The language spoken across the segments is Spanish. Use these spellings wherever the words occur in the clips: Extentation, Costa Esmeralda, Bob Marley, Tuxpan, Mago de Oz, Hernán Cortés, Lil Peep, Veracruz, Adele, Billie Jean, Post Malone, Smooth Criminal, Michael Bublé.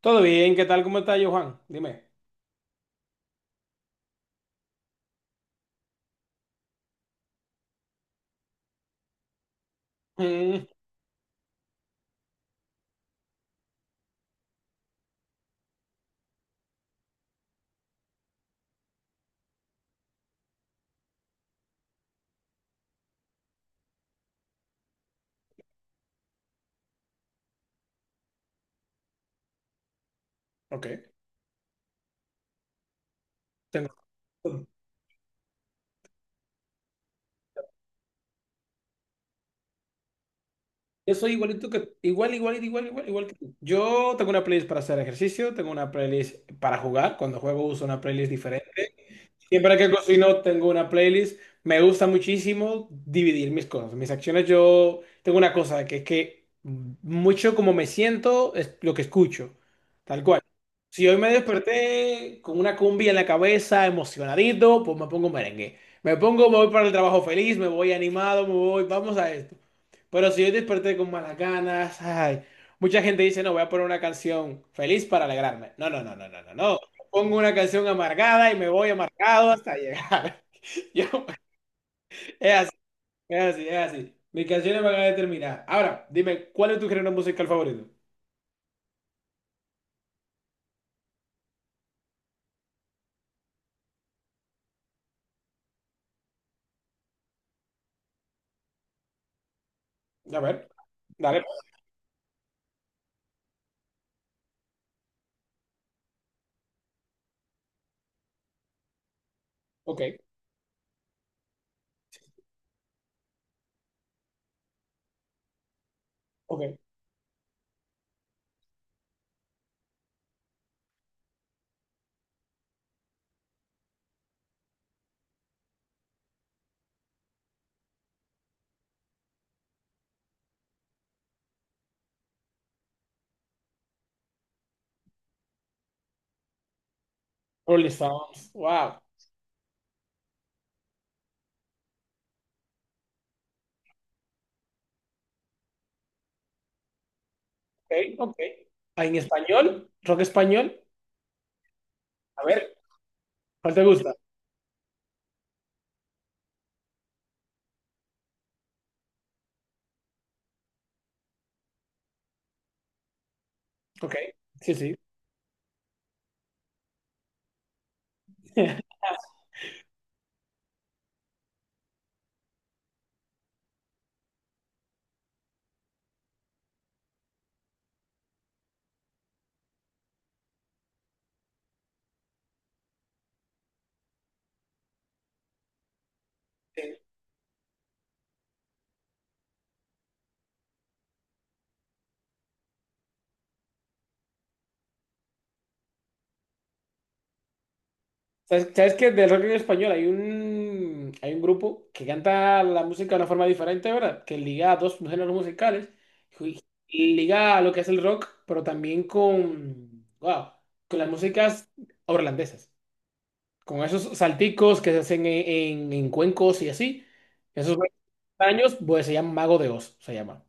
Todo bien, ¿qué tal? ¿Cómo está yo, Juan? Dime. Mm, ok, tengo. Yo soy igualito que, igual, igual, igual, igual, igual que tú. Yo tengo una playlist para hacer ejercicio, tengo una playlist para jugar. Cuando juego uso una playlist diferente. Siempre que cocino tengo una playlist. Me gusta muchísimo dividir mis cosas, mis acciones. Yo tengo una cosa que es que mucho como me siento es lo que escucho, tal cual. Si hoy me desperté con una cumbia en la cabeza, emocionadito, pues me pongo merengue. Me pongo, me voy para el trabajo feliz, me voy animado, me voy, vamos a esto. Pero si yo desperté con malas ganas, ay, mucha gente dice, no, voy a poner una canción feliz para alegrarme. No, no, no, no, no, no, no. Pongo una canción amargada y me voy amargado hasta llegar. Yo- es así, es así, es así. Mis canciones van a determinar. Ahora, dime, ¿cuál es tu género musical favorito? A ver, dale. Ok, ok. Rolling Stones. Wow. Ok, ok. Ah, ¿en español? ¿Rock español? A ver, ¿cuál te gusta? Ok, sí, sí. ¿Sabes que del rock en español hay un, grupo que canta la música de una forma diferente, ¿verdad? Que liga a dos géneros musicales y y liga a lo que es el rock, pero también con, wow, con las músicas holandesas, con esos salticos que se hacen en, en cuencos y así. Esos años, pues se llama Mago de Oz, se llama.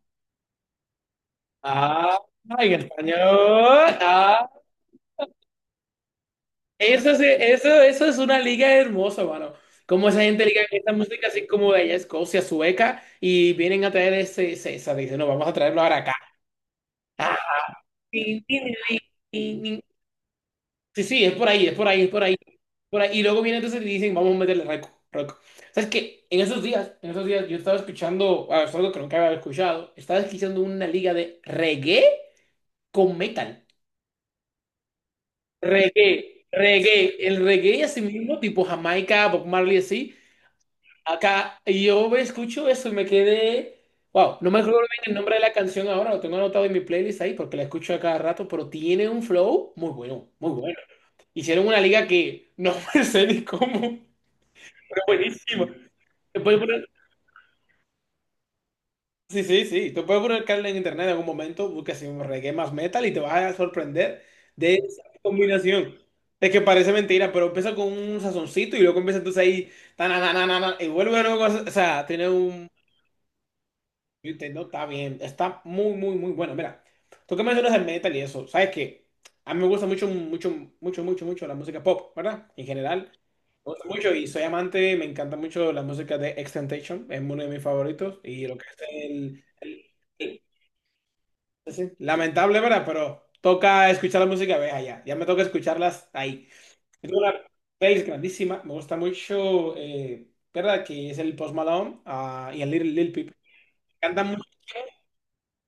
Ah, en español. Eso, eso es una liga hermosa, mano. Como esa gente liga esta música así como de allá, Escocia, Sueca, y vienen a traer ese, esa. Dicen, no, vamos a traerlo ahora acá. Ah, tin, tin, tin, tin, tin. Sí, sí, es por ahí, es por ahí, es por ahí, por ahí. Y luego vienen entonces y dicen, vamos a meterle rock, rock. ¿Sabes qué? En esos días yo estaba escuchando, es algo que nunca había escuchado, estaba escuchando una liga de reggae con metal. Reggae, reggae, el reggae así mismo, tipo Jamaica, Bob Marley así. Acá, y yo escucho eso y me quedé. Wow, no me acuerdo bien el nombre de la canción ahora, lo tengo anotado en mi playlist ahí porque la escucho a cada rato, pero tiene un flow muy bueno, muy bueno. Hicieron una liga que no me sé ni cómo, pero buenísima. Te puedes poner- sí, sí, sí, te puedes poner Carla en internet en algún momento, buscas así un reggae más metal y te vas a sorprender de esa combinación. Es que parece mentira, pero empieza con un sazoncito y luego empieza entonces ahí, tananana, y vuelve a cosa, o sea, tiene un. Fíjate, no está bien, está muy, muy, muy bueno. Mira, tú que mencionas el metal y eso, sabes que a mí me gusta mucho, mucho, mucho, mucho, mucho la música pop, ¿verdad? En general, me gusta mucho y soy amante, me encanta mucho la música de Extentation, es uno de mis favoritos y lo que es el- sí, sí, lamentable, ¿verdad? Pero toca escuchar la música, ve allá, ya me toca escucharlas ahí. Yo tengo una playlist grandísima, me gusta mucho, ¿verdad? Que es el Post Malone, y el Lil Peep. Me encantan,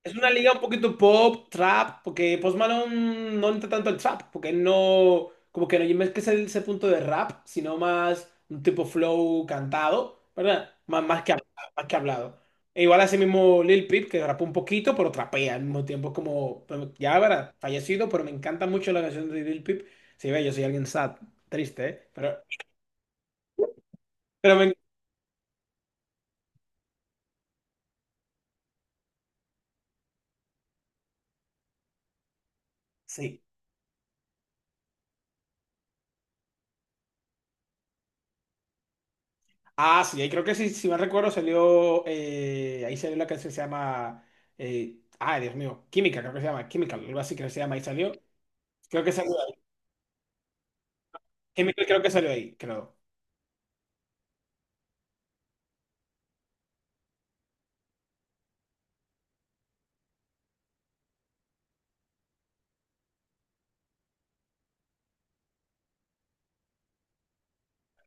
es una liga un poquito pop, trap, porque Post Malone no entra tanto al trap, porque él no, como que no es que es ese punto de rap, sino más un tipo flow cantado, ¿verdad? Más que hablado. E igual así mismo Lil Peep, que rapa un poquito, pero trapea al mismo tiempo, como, bueno, ya verdad, fallecido, pero me encanta mucho la canción de Lil Peep. Sí, ve, yo soy alguien sad, triste, ¿eh? Pero me, sí. Ah, sí, ahí creo que sí, si mal recuerdo salió, ahí salió la canción que se llama, ay Dios mío, Química, creo que se llama, Química, algo así creo que se llama, ahí salió, creo que salió ahí, Chemical creo que salió ahí, creo.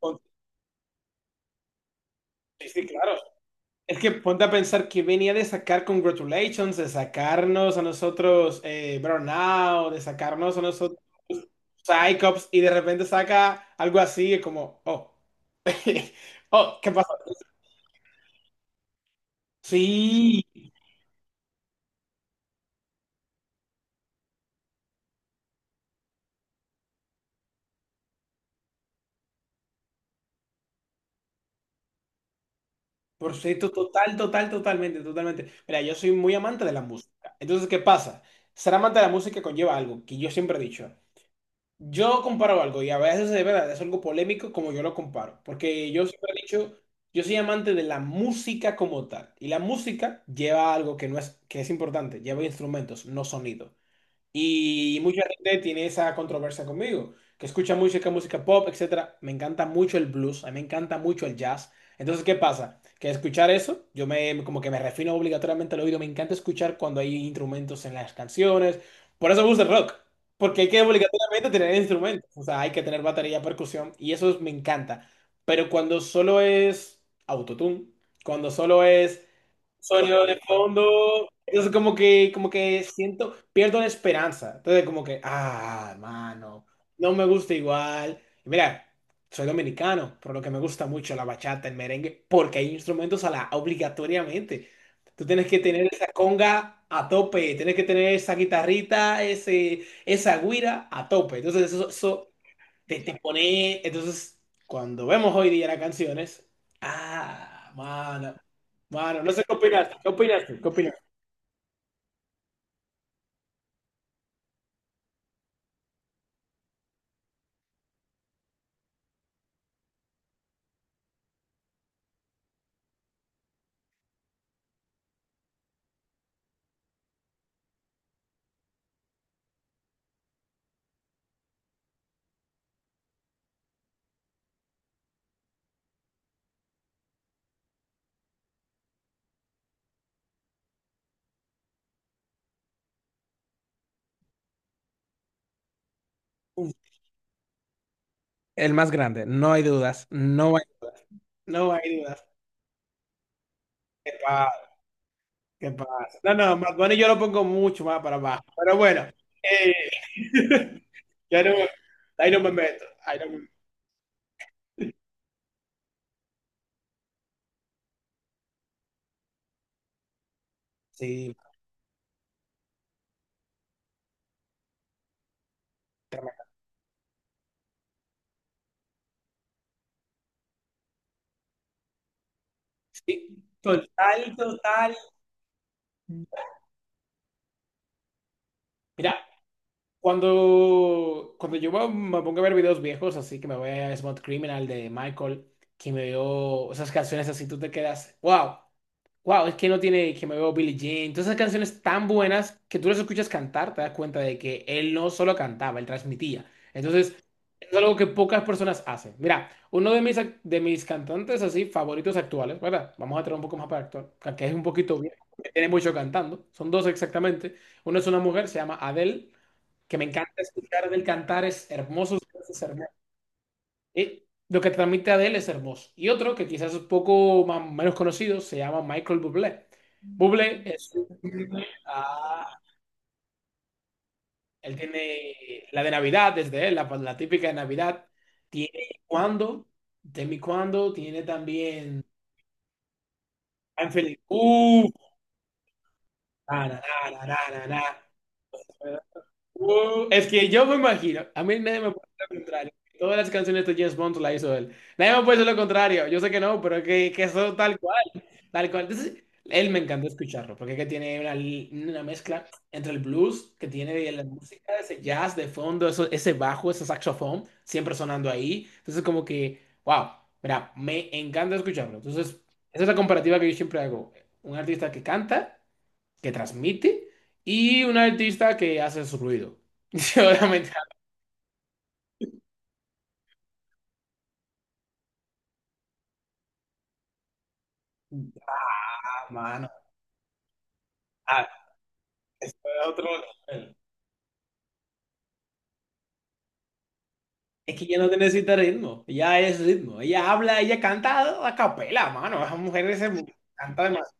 Pon- Sí, sí, claro. Es que ponte a pensar que venía de sacar Congratulations, de sacarnos a nosotros, Burnout, de sacarnos a nosotros Psycops, y de repente saca algo así, es como, oh, oh, ¿qué pasa? Sí. Por supuesto, total, total, totalmente, totalmente. Mira, yo soy muy amante de la música. Entonces, ¿qué pasa? Ser amante de la música conlleva algo que yo siempre he dicho. Yo comparo algo y a veces de verdad es algo polémico como yo lo comparo. Porque yo siempre he dicho, yo soy amante de la música como tal. Y la música lleva algo que no es, que es importante, lleva instrumentos, no sonido. Y mucha gente tiene esa controversia conmigo, que escucha música, música pop, etcétera. Me encanta mucho el blues, a mí me encanta mucho el jazz. Entonces, ¿qué pasa? Que escuchar eso, yo me como que me refino obligatoriamente al oído, me encanta escuchar cuando hay instrumentos en las canciones. Por eso me gusta el rock, porque hay que obligatoriamente tener instrumentos, o sea, hay que tener batería, percusión y eso me encanta. Pero cuando solo es autotune, cuando solo es sonido de fondo. Entonces como que siento, pierdo la esperanza. Entonces como que, ah, hermano, no me gusta igual. Y mira, soy dominicano, por lo que me gusta mucho la bachata, el merengue, porque hay instrumentos a la obligatoriamente. Tú tienes que tener esa conga a tope, tienes que tener esa guitarrita, ese, esa güira a tope. Entonces eso te pone. Entonces, cuando vemos hoy día las canciones. Ah, mano. Mano, no sé qué opinaste. ¿Qué opinaste? ¿Qué opinaste? Uf, el más grande, no hay dudas, no hay... No hay dudas. ¿Qué pasa? ¿Qué pasa? No, no, Bad Bunny yo lo pongo mucho más para abajo. Pero bueno. eh, ya no, ahí no me meto. Ahí no me. Sí, tremendo. Sí. Total, total. Mira, Cuando yo me pongo a ver videos viejos, así que me voy a Smooth Criminal de Michael, que me veo esas canciones así, tú te quedas, wow, wow, es que no tiene, que me veo Billie Jean, todas esas canciones tan buenas que tú las escuchas cantar, te das cuenta de que él no solo cantaba, él transmitía. Entonces, es algo que pocas personas hacen. Mira, uno de mis cantantes así favoritos actuales, ¿verdad? Vamos a traer un poco más para actual, que es un poquito viejo, que tiene mucho cantando, son dos exactamente. Uno es una mujer, se llama Adele, que me encanta escuchar del cantar, es hermoso, es hermoso. Y lo que transmite Adele es hermoso. Y otro que quizás es un poco más, menos conocido se llama Michael Bublé. Bublé él tiene la de Navidad, desde él, la típica de Navidad. Tiene cuando, de mi cuando, tiene también I'm feeling, na, na, na, na, na, na, na. Es que yo me imagino, a mí nadie me puede decir lo contrario. Todas las canciones de James Bond la hizo él. Nadie me puede decir lo contrario. Yo sé que no, pero que eso tal cual. Tal cual. Entonces, él me encantó escucharlo, porque es que tiene una mezcla entre el blues que tiene de la música, ese jazz de fondo, eso, ese bajo, ese saxofón, siempre sonando ahí. Entonces, como que, wow, mira, me encanta escucharlo. Entonces, esa es la comparativa que yo siempre hago. Un artista que canta, que transmite, y un artista que hace su ruido. Yo realmente, ah, mano, ah, eso es otro nivel. Es que ella no te necesita ritmo, ella es ritmo, ella habla, ella canta a capela, mano, esa mujer se canta demasiado.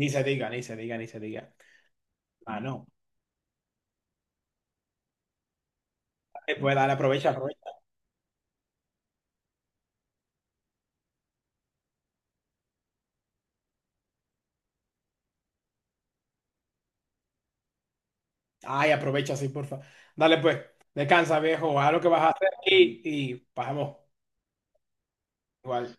Ni se diga, ni se diga, ni se diga. Mano, dale, pues dale, aprovecha, aprovecha. Ay, aprovecha, sí, porfa. Dale, pues, descansa, viejo, haz lo que vas a hacer y pasemos igual.